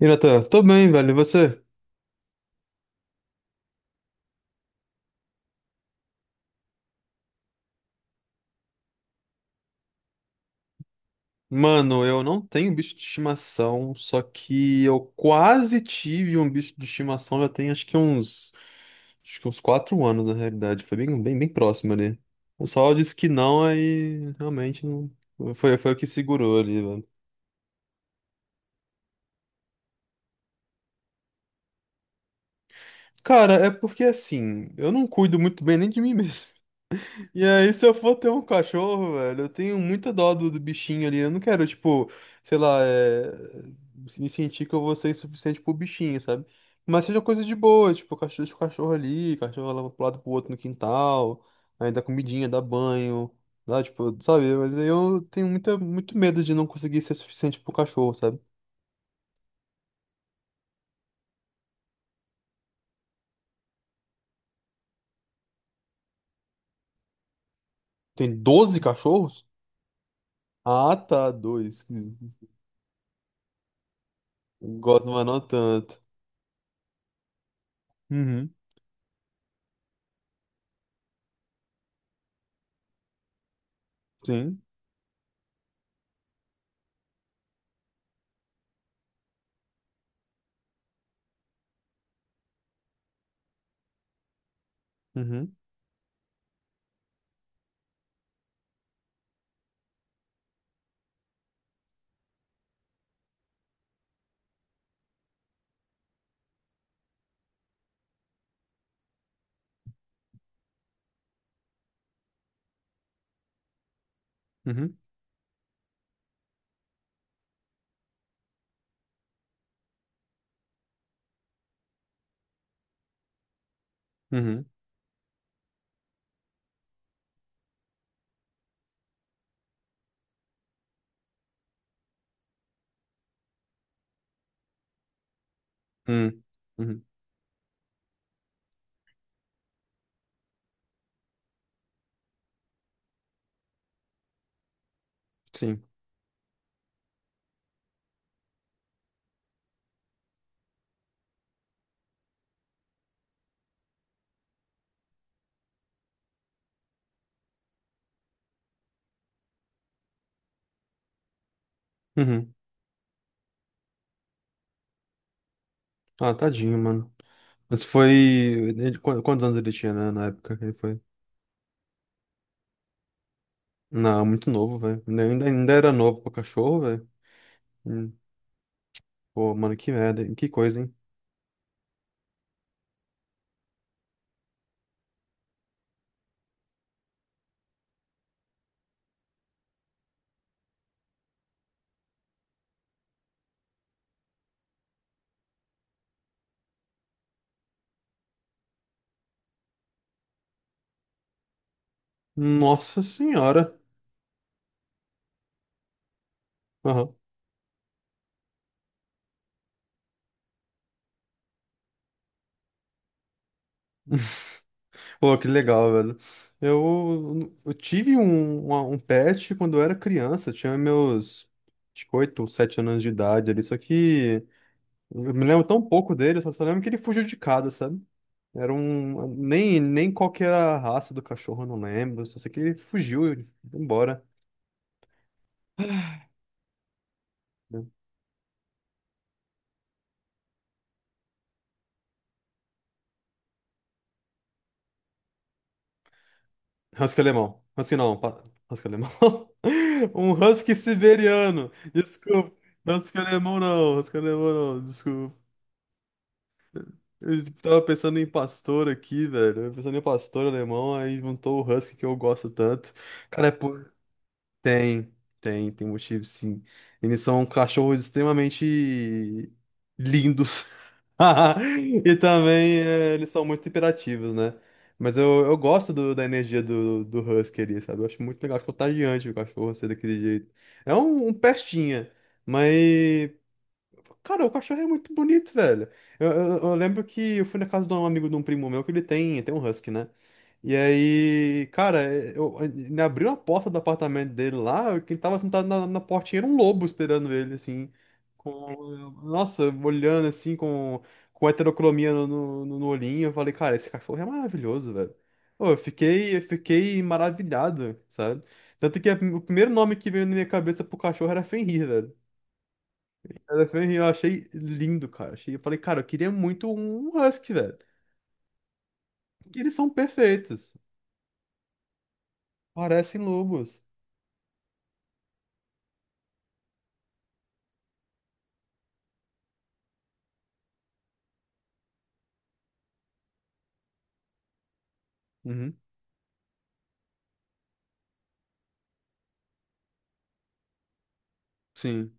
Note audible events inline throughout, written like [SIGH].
E Natan, tô bem, velho. E você? Mano, eu não tenho bicho de estimação, só que eu quase tive um bicho de estimação já tem acho que uns 4 anos na realidade. Foi bem, bem, bem próximo ali. O pessoal disse que não, aí realmente não. Foi o que segurou ali, velho. Cara, é porque assim, eu não cuido muito bem nem de mim [LAUGHS] mesmo. E aí, se eu for ter um cachorro, velho, eu tenho muita dó do bichinho ali. Eu não quero, tipo, sei lá, me sentir que eu vou ser insuficiente pro bichinho, sabe? Mas seja coisa de boa, tipo, cachorro, deixa o cachorro ali, cachorro leva pro lado pro outro no quintal, aí dá comidinha, dá banho, dá, tipo, sabe? Mas aí eu tenho muita, muito medo de não conseguir ser suficiente pro cachorro, sabe? Tem 12 cachorros? Ah, tá, dois. Gosto, mas não tanto. Uhum, sim. Uhum, uhum, uhum. Hum, uhum, sim. Uhum. Ah, tadinho, mano. Mas foi. Quantos anos ele tinha, né, na época que ele foi? Não, muito novo, velho. Ainda era novo pro cachorro, velho. Hum. Pô, mano, que merda, hein? Que coisa, hein? Nossa senhora. Aham. Pô, que legal, velho. Eu tive um pet quando eu era criança, tinha meus acho que 8, 7 anos de idade ali, só que. Eu me lembro tão pouco dele, só lembro que ele fugiu de casa, sabe? Era um. Nem qual que era a raça do cachorro, eu não lembro. Só sei que ele fugiu e foi embora, né? Husky alemão. Husky não, husky alemão. [LAUGHS] Um husky siberiano. Desculpa. Husky alemão não, desculpa. Eu tava pensando em pastor aqui, velho. Eu pensando em pastor alemão, aí juntou o husky que eu gosto tanto. Cara, é. Tem, tem motivo, sim. Eles são cachorros extremamente lindos. [LAUGHS] E também eles são muito imperativos, né? Mas eu gosto da energia do Husky ali, sabe? Eu acho muito legal, acho contagiante o cachorro ser daquele jeito. É um pestinha, mas. Cara, o cachorro é muito bonito, velho. Eu lembro que eu fui na casa de um amigo de um primo meu que ele tem um husky, né? E aí, cara, ele abriu a porta do apartamento dele lá, quem tava sentado na portinha era um lobo esperando ele, assim. Nossa, olhando assim com heterocromia no olhinho. Eu falei, cara, esse cachorro é maravilhoso, velho. Pô, eu fiquei maravilhado, sabe? Tanto que o primeiro nome que veio na minha cabeça pro cachorro era Fenrir, velho. Elefante em Rio, eu achei lindo, cara. Achei, eu falei, cara, eu queria muito um husky, velho. Porque eles são perfeitos. Parecem lobos. Uhum. Sim,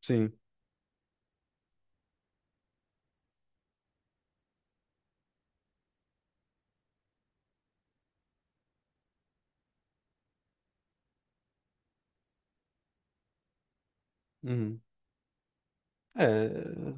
sim. Uhum. É.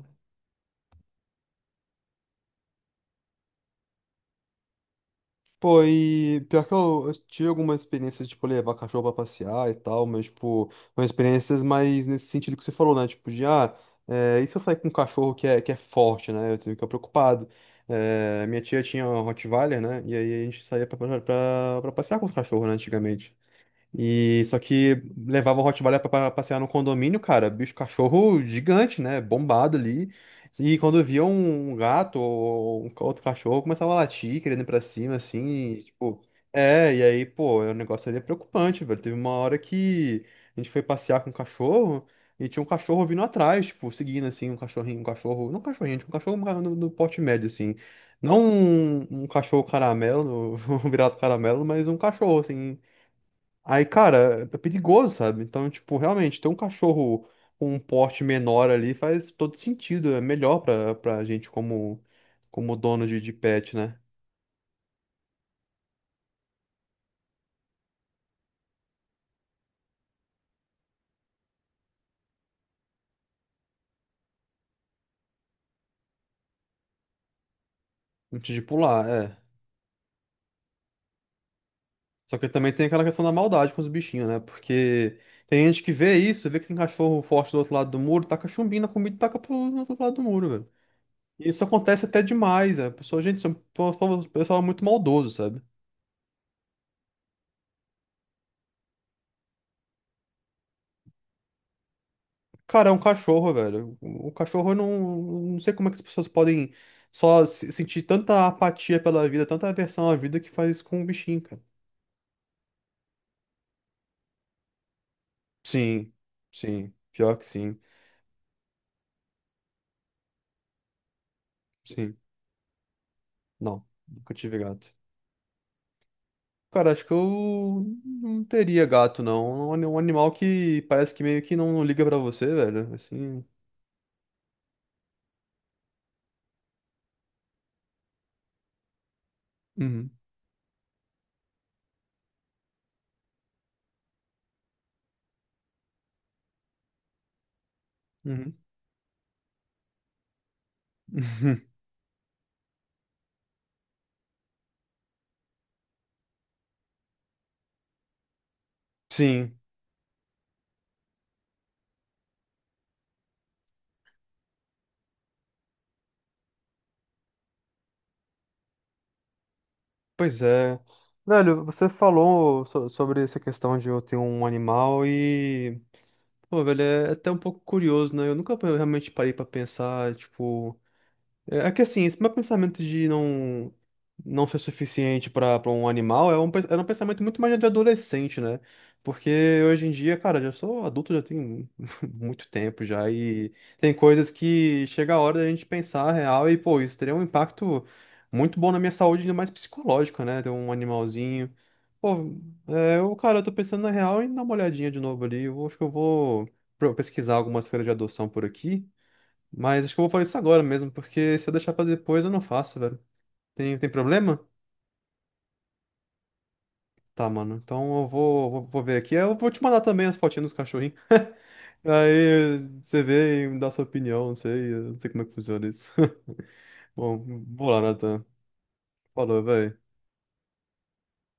Pô, e pior que eu tive algumas experiências, tipo, levar cachorro pra passear e tal, mas, tipo, foram experiências mais nesse sentido que você falou, né? Tipo, e se eu sair com um cachorro que é forte, né? Eu fico preocupado. É, minha tia tinha um Rottweiler, né? E aí a gente saía pra passear com os cachorros, né, antigamente. E só que levava o Rottweiler pra passear no condomínio, cara, bicho cachorro gigante, né? Bombado ali. E quando via um gato ou um outro cachorro, começava a latir, querendo ir pra cima, assim, e, tipo. É, e aí, pô, o negócio ali é preocupante, velho. Teve uma hora que a gente foi passear com um cachorro e tinha um cachorro vindo atrás, tipo, seguindo, assim, um cachorrinho, um cachorro. Não um cachorrinho, tinha um cachorro no porte médio, assim. Não um cachorro caramelo, [LAUGHS] um virado caramelo, mas um cachorro, assim. Aí, cara, é perigoso, sabe? Então, tipo, realmente, ter um cachorro com um porte menor ali faz todo sentido. É melhor pra gente como dono de pet, né? Antes de pular, é. Só que também tem aquela questão da maldade com os bichinhos, né? Porque tem gente que vê isso, vê que tem cachorro forte do outro lado do muro, taca chumbinho na comida e taca pro outro lado do muro, velho. E isso acontece até demais, né? A pessoa, gente, isso é o pessoal é muito maldoso, sabe? Cara, é um cachorro, velho. O cachorro, eu não, não sei como é que as pessoas podem só sentir tanta apatia pela vida, tanta aversão à vida que faz isso com um bichinho, cara. Sim, sim. Pior que sim. Sim. Não, nunca tive gato. Cara, acho que eu não teria gato, não. Um animal que parece que meio que não liga pra você, velho. Assim. Uhum, uhum. [LAUGHS] Sim, pois é. Velho, você falou sobre essa questão de eu ter um animal e. Pô, velho, é até um pouco curioso, né? Eu nunca realmente parei pra pensar, tipo. É que assim, esse meu pensamento de não ser suficiente para um animal é era um pensamento muito mais de adolescente, né? Porque hoje em dia, cara, já sou adulto, já tenho [LAUGHS] muito tempo já, e tem coisas que chega a hora da gente pensar real e, pô, isso teria um impacto muito bom na minha saúde, ainda mais psicológica, né? Ter um animalzinho. Pô, cara, eu tô pensando na real e dar uma olhadinha de novo ali. Acho que eu vou pesquisar algumas feiras de adoção por aqui. Mas acho que eu vou fazer isso agora mesmo, porque se eu deixar pra depois eu não faço, velho. Tem problema? Tá, mano. Então eu vou ver aqui. Eu vou te mandar também as fotinhas dos cachorrinhos. [LAUGHS] Aí você vê e me dá sua opinião, eu não sei como é que funciona isso. [LAUGHS] Bom, vou lá, Nathan. Falou, velho.